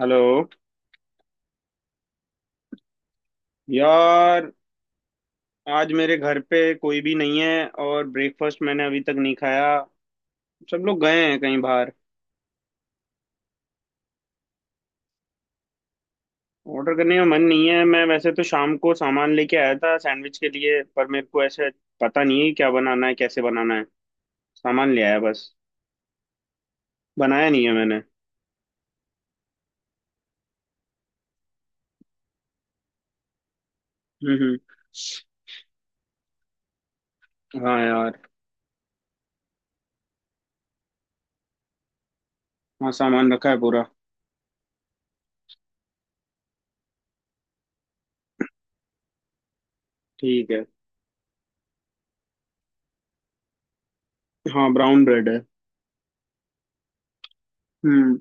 Hello. यार, आज मेरे घर पे कोई भी नहीं है और ब्रेकफास्ट मैंने अभी तक नहीं खाया। सब लोग गए हैं कहीं बाहर। ऑर्डर करने का मन नहीं है। मैं वैसे तो शाम को सामान लेके आया था सैंडविच के लिए, पर मेरे को ऐसे पता नहीं है कि क्या बनाना है, कैसे बनाना है। सामान ले आया बस। बनाया नहीं है मैंने। हम्म, हम्म। हाँ यार। हाँ, सामान रखा है पूरा। ठीक है। हाँ, ब्राउन ब्रेड है। हम्म।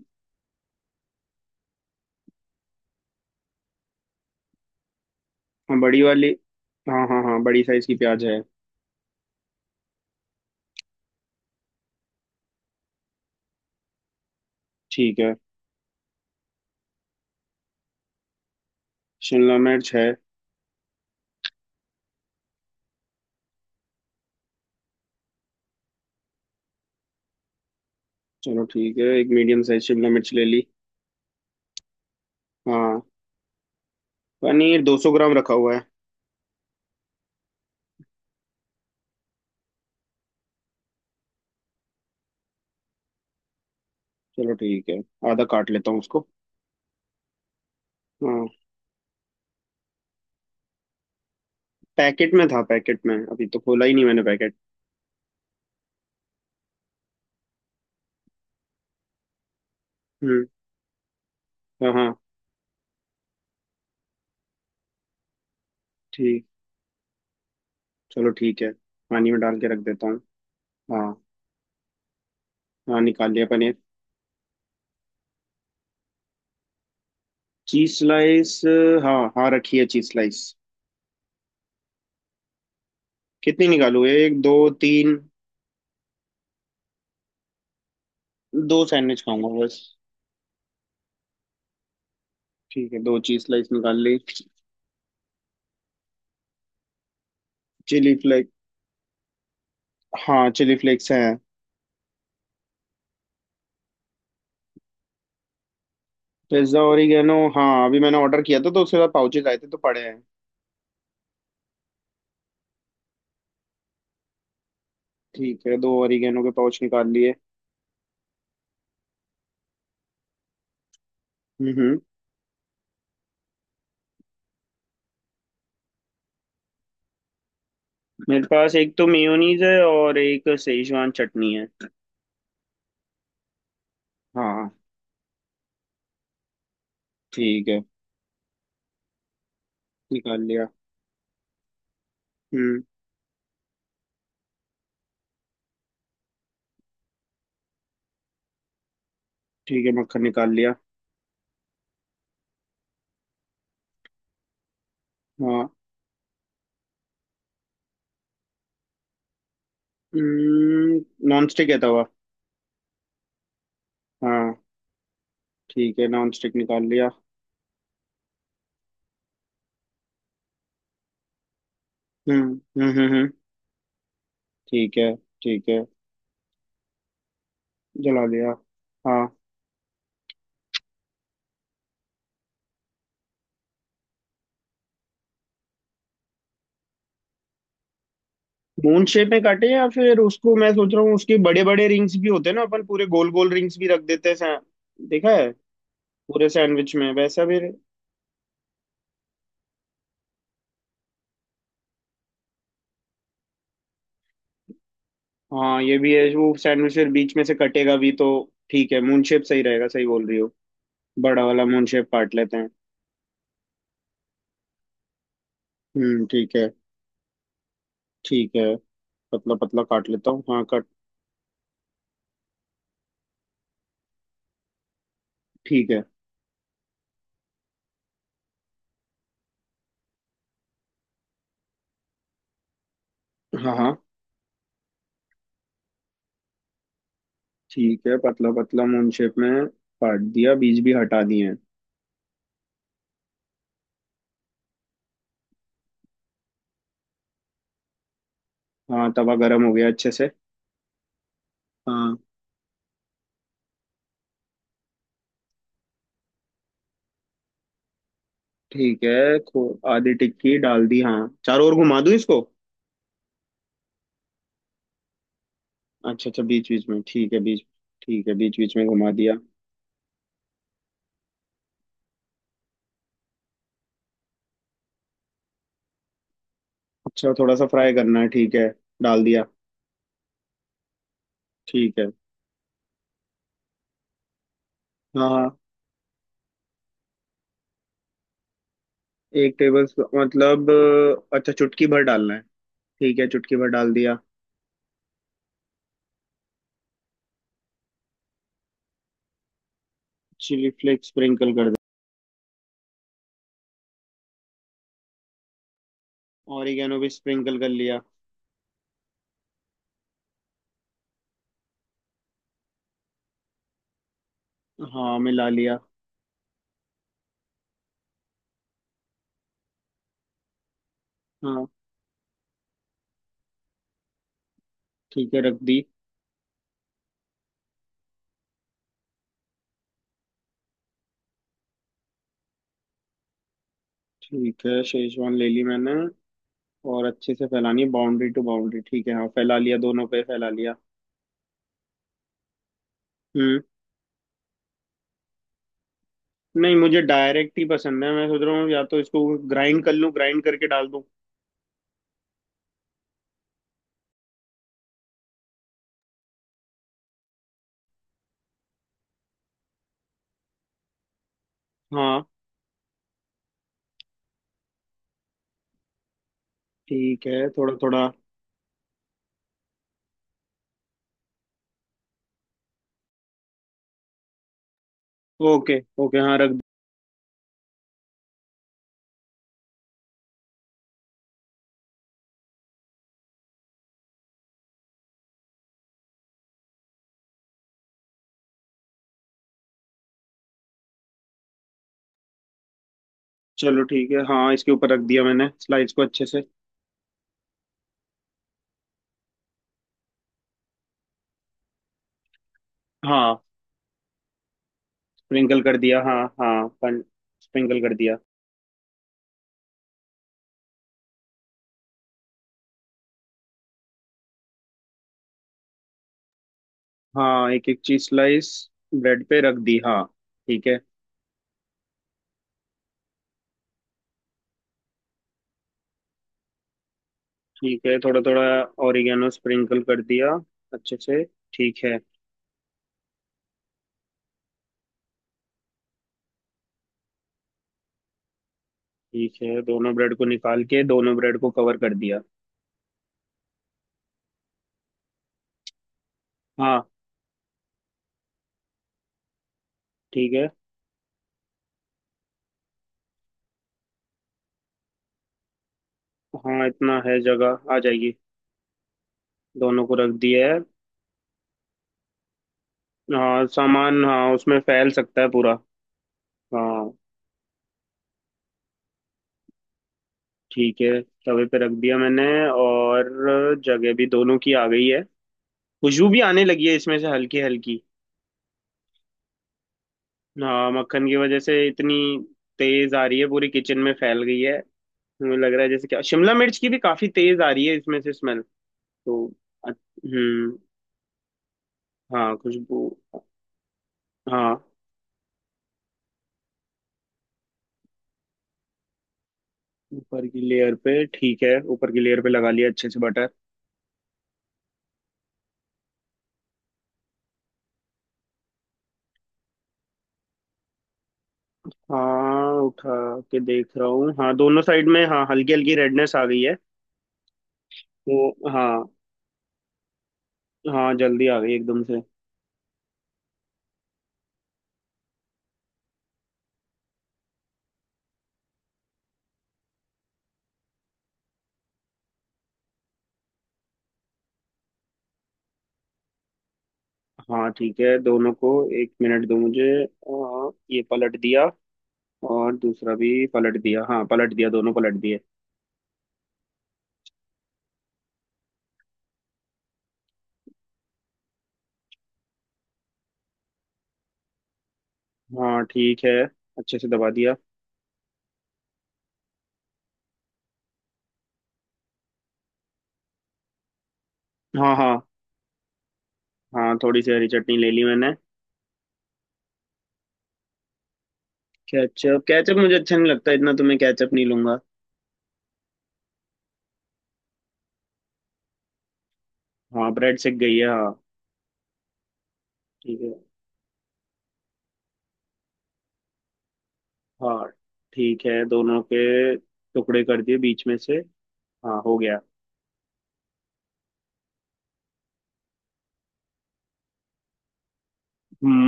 हाँ बड़ी वाली। हाँ हाँ हाँ, बड़ी साइज की प्याज है। ठीक है। शिमला मिर्च है। चलो ठीक है, एक मीडियम साइज शिमला मिर्च ले ली। हाँ, पनीर 200 ग्राम रखा हुआ है। चलो ठीक है, आधा काट लेता हूँ उसको। हाँ, पैकेट में था। पैकेट में अभी तो खोला ही नहीं मैंने पैकेट। हम्म। हाँ हाँ। ठीक। चलो ठीक है, पानी में डाल के रख देता हूँ। हाँ। हाँ, निकाल लिया पनीर। Cheese slice? हाँ हाँ, रखी है चीज स्लाइस। कितनी निकालू, एक, दो, तीन? दो सैंडविच खाऊंगा बस। ठीक है, दो चीज स्लाइस निकाल ली। Chili flakes? हाँ चिली फ्लेक्स है। Pizza oregano? हाँ, अभी मैंने ऑर्डर किया था तो उसके बाद पाउचेज आए थे तो पड़े हैं। ठीक है, दो ओरिगेनो के पाउच निकाल लिए। हम्म, हम्म। मेरे पास एक तो मेयोनीज है और एक सेजवान चटनी है। हाँ। ठीक है, निकाल लिया। हम्म। ठीक है, मक्खन निकाल लिया। हाँ। हम्म। नॉन स्टिक है तवा। हाँ ठीक है, नॉन स्टिक निकाल लिया। हम्म। ठीक है। ठीक है, जला लिया। हाँ। मून शेप में काटे या फिर उसको मैं सोच रहा हूँ, उसके बड़े बड़े रिंग्स भी होते हैं ना, अपन पूरे गोल गोल रिंग्स भी रख देते हैं, देखा है। पूरे सैंडविच में वैसा भी रहे। हाँ, ये भी है, वो सैंडविच फिर बीच में से कटेगा भी तो। ठीक है, मून शेप सही रहेगा। सही बोल रही हो। बड़ा वाला मून शेप काट लेते हैं। ठीक है। ठीक है, पतला पतला काट लेता हूँ। हाँ कट। ठीक है। हाँ हाँ। ठीक है, पतला पतला मून शेप में काट दिया, बीज भी हटा दिए हैं। हाँ, तवा गरम हो गया अच्छे से। हाँ। ठीक है खो। आधी टिक्की डाल दी हाँ। चारों ओर घुमा दूं इसको? अच्छा अच्छा, बीच बीच में, ठीक है, बीच। ठीक है, बीच बीच में घुमा दिया। अच्छा, थोड़ा सा फ्राई करना है, ठीक है। डाल दिया। ठीक है। हाँ हाँ। एक टेबल, मतलब अच्छा, चुटकी भर डालना है। ठीक है, चुटकी भर डाल दिया। चिली फ्लेक्स स्प्रिंकल कर दिया। ऑरिगेनो भी स्प्रिंकल कर लिया। हाँ, मिला लिया। हाँ ठीक है, रख दी। ठीक है, शेजवान ले ली मैंने। और अच्छे से फैलानी है, बाउंड्री टू बाउंड्री, ठीक है। हाँ, फैला लिया, दोनों पे फैला लिया। हम्म। नहीं, मुझे डायरेक्ट ही पसंद है। मैं सोच रहा हूँ या तो इसको ग्राइंड कर लूँ, ग्राइंड करके डाल दूँ। हाँ। ठीक है, थोड़ा थोड़ा। ओके ओके, हाँ रख। चलो ठीक है, हाँ इसके ऊपर रख दिया मैंने स्लाइस को अच्छे से। हाँ, स्प्रिंकल कर दिया। हाँ हाँ पन स्प्रिंकल कर दिया। हाँ एक एक चीज स्लाइस। ब्रेड पे रख दी। हाँ। ठीक है। ठीक है, थोड़ा थोड़ा। ओरिगेनो स्प्रिंकल कर दिया अच्छे से। ठीक है। ठीक है, दोनों ब्रेड को निकाल के दोनों ब्रेड को कवर कर दिया। हाँ। ठीक है। हाँ, इतना है, जगह आ जाएगी। दोनों को रख दिया है। हाँ सामान, हाँ उसमें फैल सकता है पूरा। हाँ। ठीक है, तवे पे रख दिया मैंने। और जगह भी दोनों की आ गई है। खुशबू भी आने लगी है इसमें से हल्की हल्की। हाँ, मक्खन की वजह से इतनी तेज आ रही है, पूरी किचन में फैल गई है। मुझे लग रहा है जैसे क्या शिमला मिर्च की भी काफी तेज आ रही है इसमें से स्मेल। तो अ- हम्म। हाँ खुशबू। हाँ ऊपर की लेयर पे, ठीक है, ऊपर की लेयर पे लगा लिया अच्छे से बटर। हाँ उठा के देख रहा हूँ, हाँ दोनों साइड में, हाँ हल्की हल्की रेडनेस आ गई है। वो हाँ। हाँ, जल्दी आ गई एकदम से। हाँ ठीक है, दोनों को एक मिनट दो मुझे। ये पलट दिया। और दूसरा भी पलट दिया, हाँ पलट दिया, दोनों पलट दिए। हाँ ठीक है, अच्छे से दबा दिया। हाँ। हाँ हाँ, थोड़ी सी हरी चटनी ले ली मैंने। केचप? केचप मुझे अच्छा नहीं लगता इतना, तो मैं केचप नहीं लूंगा। हाँ, ब्रेड सिक गई है। हाँ। ठीक है। हाँ। ठीक है, दोनों के टुकड़े कर दिए बीच में से। हाँ हो गया।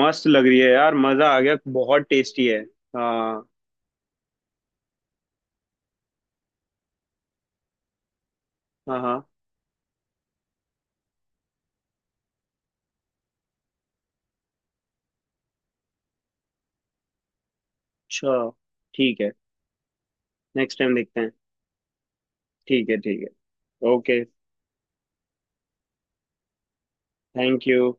मस्त लग रही है यार, मजा आ गया, बहुत टेस्टी है। हाँ। हाँ। हाँ। अच्छा। ठीक है, नेक्स्ट टाइम देखते हैं। ठीक है, ठीक है। ओके। Thank you.